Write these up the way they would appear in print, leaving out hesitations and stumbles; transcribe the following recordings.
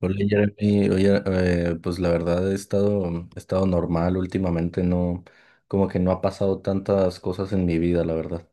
Hola Jeremy, oye, pues la verdad he estado normal últimamente, no, como que no ha pasado tantas cosas en mi vida, la verdad.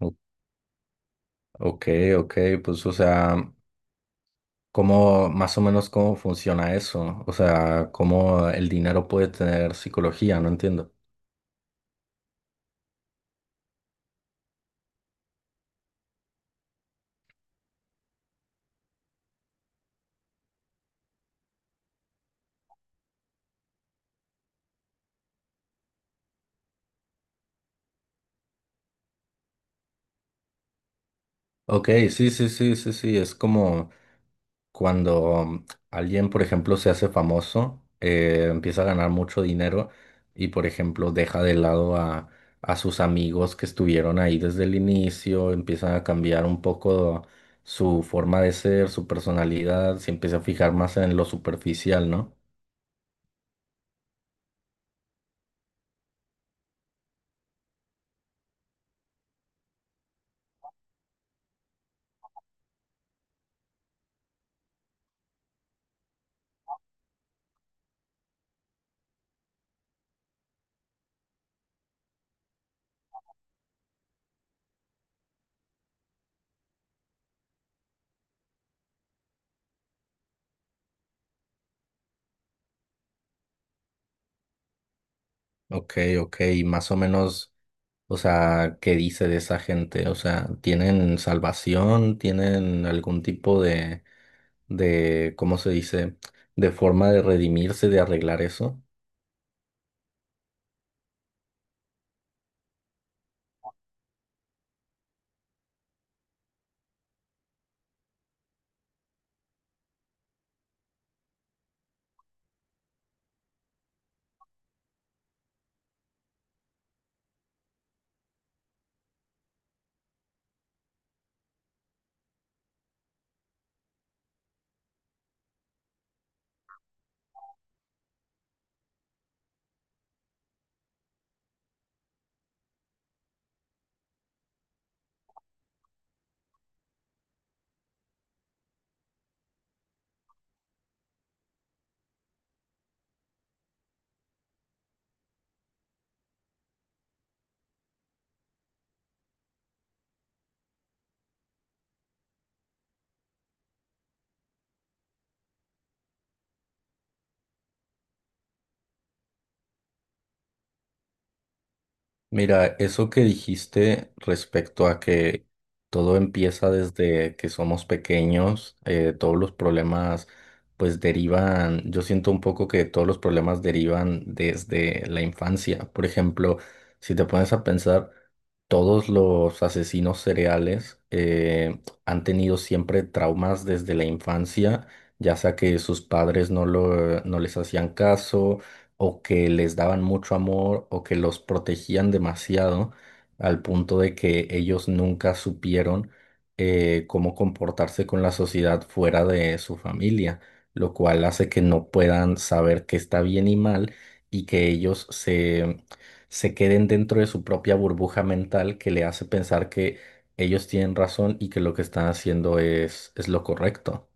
O- Ok, ok, pues o sea, ¿cómo, más o menos cómo funciona eso? O sea, ¿cómo el dinero puede tener psicología? No entiendo. Ok, sí, sí, sí, sí, sí, es como cuando alguien, por ejemplo, se hace famoso, empieza a ganar mucho dinero y, por ejemplo, deja de lado a sus amigos que estuvieron ahí desde el inicio, empiezan a cambiar un poco su forma de ser, su personalidad, se empieza a fijar más en lo superficial, ¿no? Ok, ok, y más o menos. O sea, ¿qué dice de esa gente? O sea, ¿tienen salvación? ¿Tienen algún tipo de, ¿cómo se dice? De forma de redimirse, de arreglar eso? Mira, eso que dijiste respecto a que todo empieza desde que somos pequeños, todos los problemas pues derivan, yo siento un poco que todos los problemas derivan desde la infancia. Por ejemplo, si te pones a pensar, todos los asesinos cereales han tenido siempre traumas desde la infancia, ya sea que sus padres no les hacían caso o que les daban mucho amor o que los protegían demasiado al punto de que ellos nunca supieron cómo comportarse con la sociedad fuera de su familia, lo cual hace que no puedan saber qué está bien y mal y que se queden dentro de su propia burbuja mental que le hace pensar que ellos tienen razón y que lo que están haciendo es lo correcto.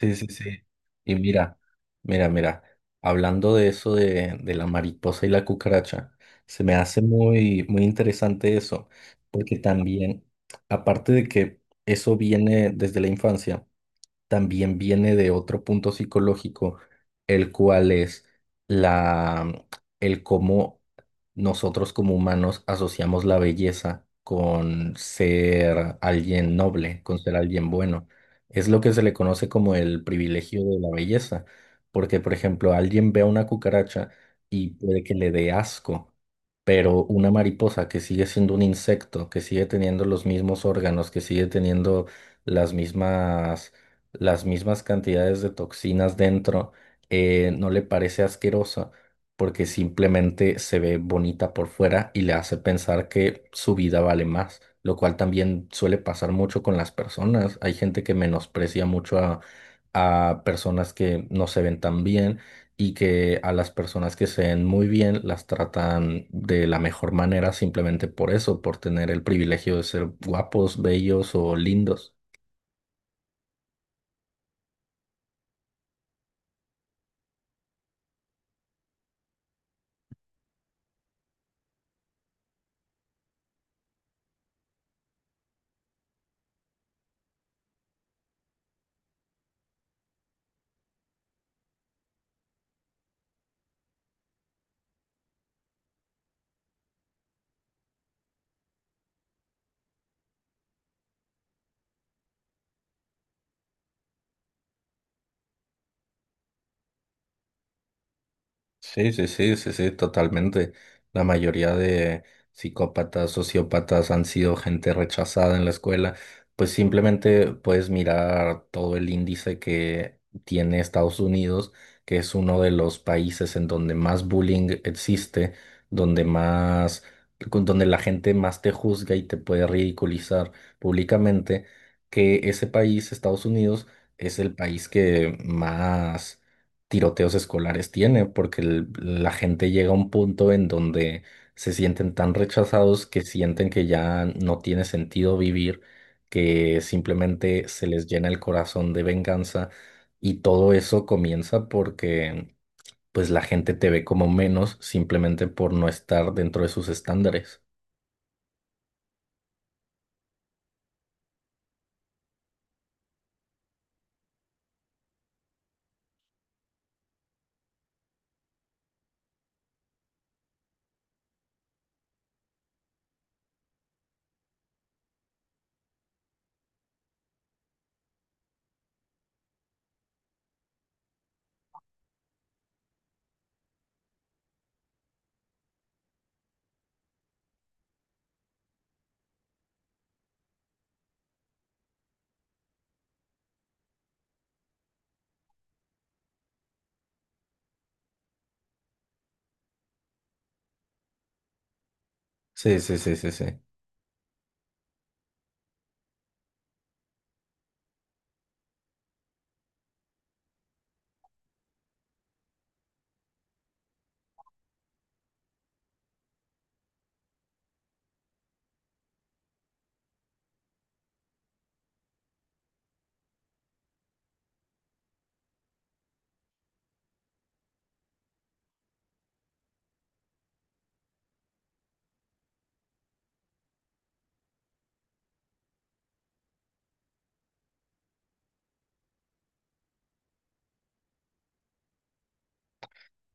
Sí, sí, sí. Y mira, mira, mira, hablando de eso de la mariposa y la cucaracha, se me hace muy, muy interesante eso, porque también, aparte de que eso viene desde la infancia, también viene de otro punto psicológico, el cual es la, el cómo nosotros como humanos asociamos la belleza con ser alguien noble, con ser alguien bueno. Es lo que se le conoce como el privilegio de la belleza, porque por ejemplo, alguien ve a una cucaracha y puede que le dé asco. Pero una mariposa que sigue siendo un insecto, que sigue teniendo los mismos órganos, que sigue teniendo las mismas las mismas cantidades de toxinas dentro, no le parece asquerosa porque simplemente se ve bonita por fuera y le hace pensar que su vida vale más, lo cual también suele pasar mucho con las personas. Hay gente que menosprecia mucho a personas que no se ven tan bien y que a las personas que se ven muy bien las tratan de la mejor manera simplemente por eso, por tener el privilegio de ser guapos, bellos o lindos. Sí, sí, sí, sí, sí, totalmente. La mayoría de psicópatas, sociópatas han sido gente rechazada en la escuela. Pues simplemente puedes mirar todo el índice que tiene Estados Unidos, que es uno de los países en donde más bullying existe, donde más, donde la gente más te juzga y te puede ridiculizar públicamente, que ese país, Estados Unidos, es el país que más tiroteos escolares tiene, porque la gente llega a un punto en donde se sienten tan rechazados que sienten que ya no tiene sentido vivir, que simplemente se les llena el corazón de venganza y todo eso comienza porque pues la gente te ve como menos simplemente por no estar dentro de sus estándares. Sí, sí, sí, sí, sí.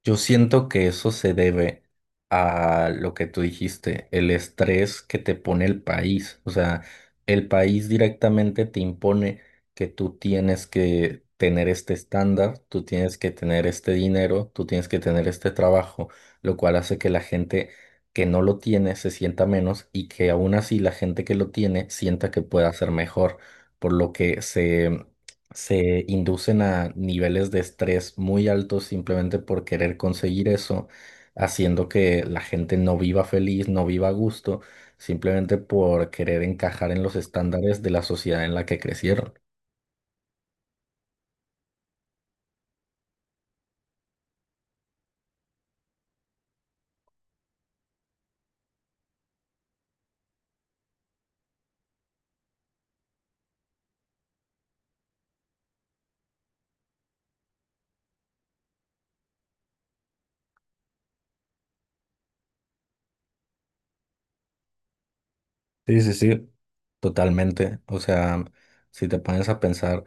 Yo siento que eso se debe a lo que tú dijiste, el estrés que te pone el país. O sea, el país directamente te impone que tú tienes que tener este estándar, tú tienes que tener este dinero, tú tienes que tener este trabajo, lo cual hace que la gente que no lo tiene se sienta menos y que aún así la gente que lo tiene sienta que puede hacer mejor, por lo que se inducen a niveles de estrés muy altos simplemente por querer conseguir eso, haciendo que la gente no viva feliz, no viva a gusto, simplemente por querer encajar en los estándares de la sociedad en la que crecieron. Sí, sí, sí, totalmente. O sea, si te pones a pensar,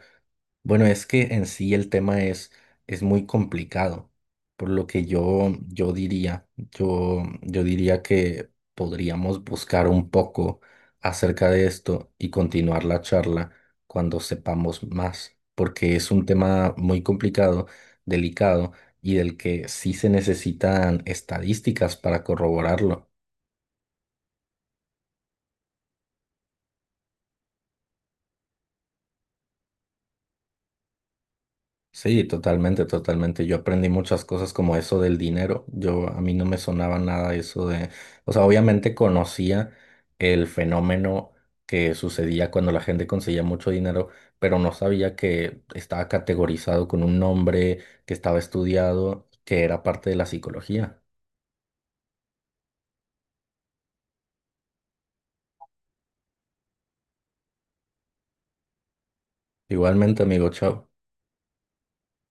bueno, es que en sí es muy complicado, por lo que yo diría, yo diría que podríamos buscar un poco acerca de esto y continuar la charla cuando sepamos más, porque es un tema muy complicado, delicado y del que sí se necesitan estadísticas para corroborarlo. Sí, totalmente, totalmente. Yo aprendí muchas cosas como eso del dinero. Yo a mí no me sonaba nada eso de, o sea, obviamente conocía el fenómeno que sucedía cuando la gente conseguía mucho dinero, pero no sabía que estaba categorizado con un nombre, que estaba estudiado, que era parte de la psicología. Igualmente, amigo, chao.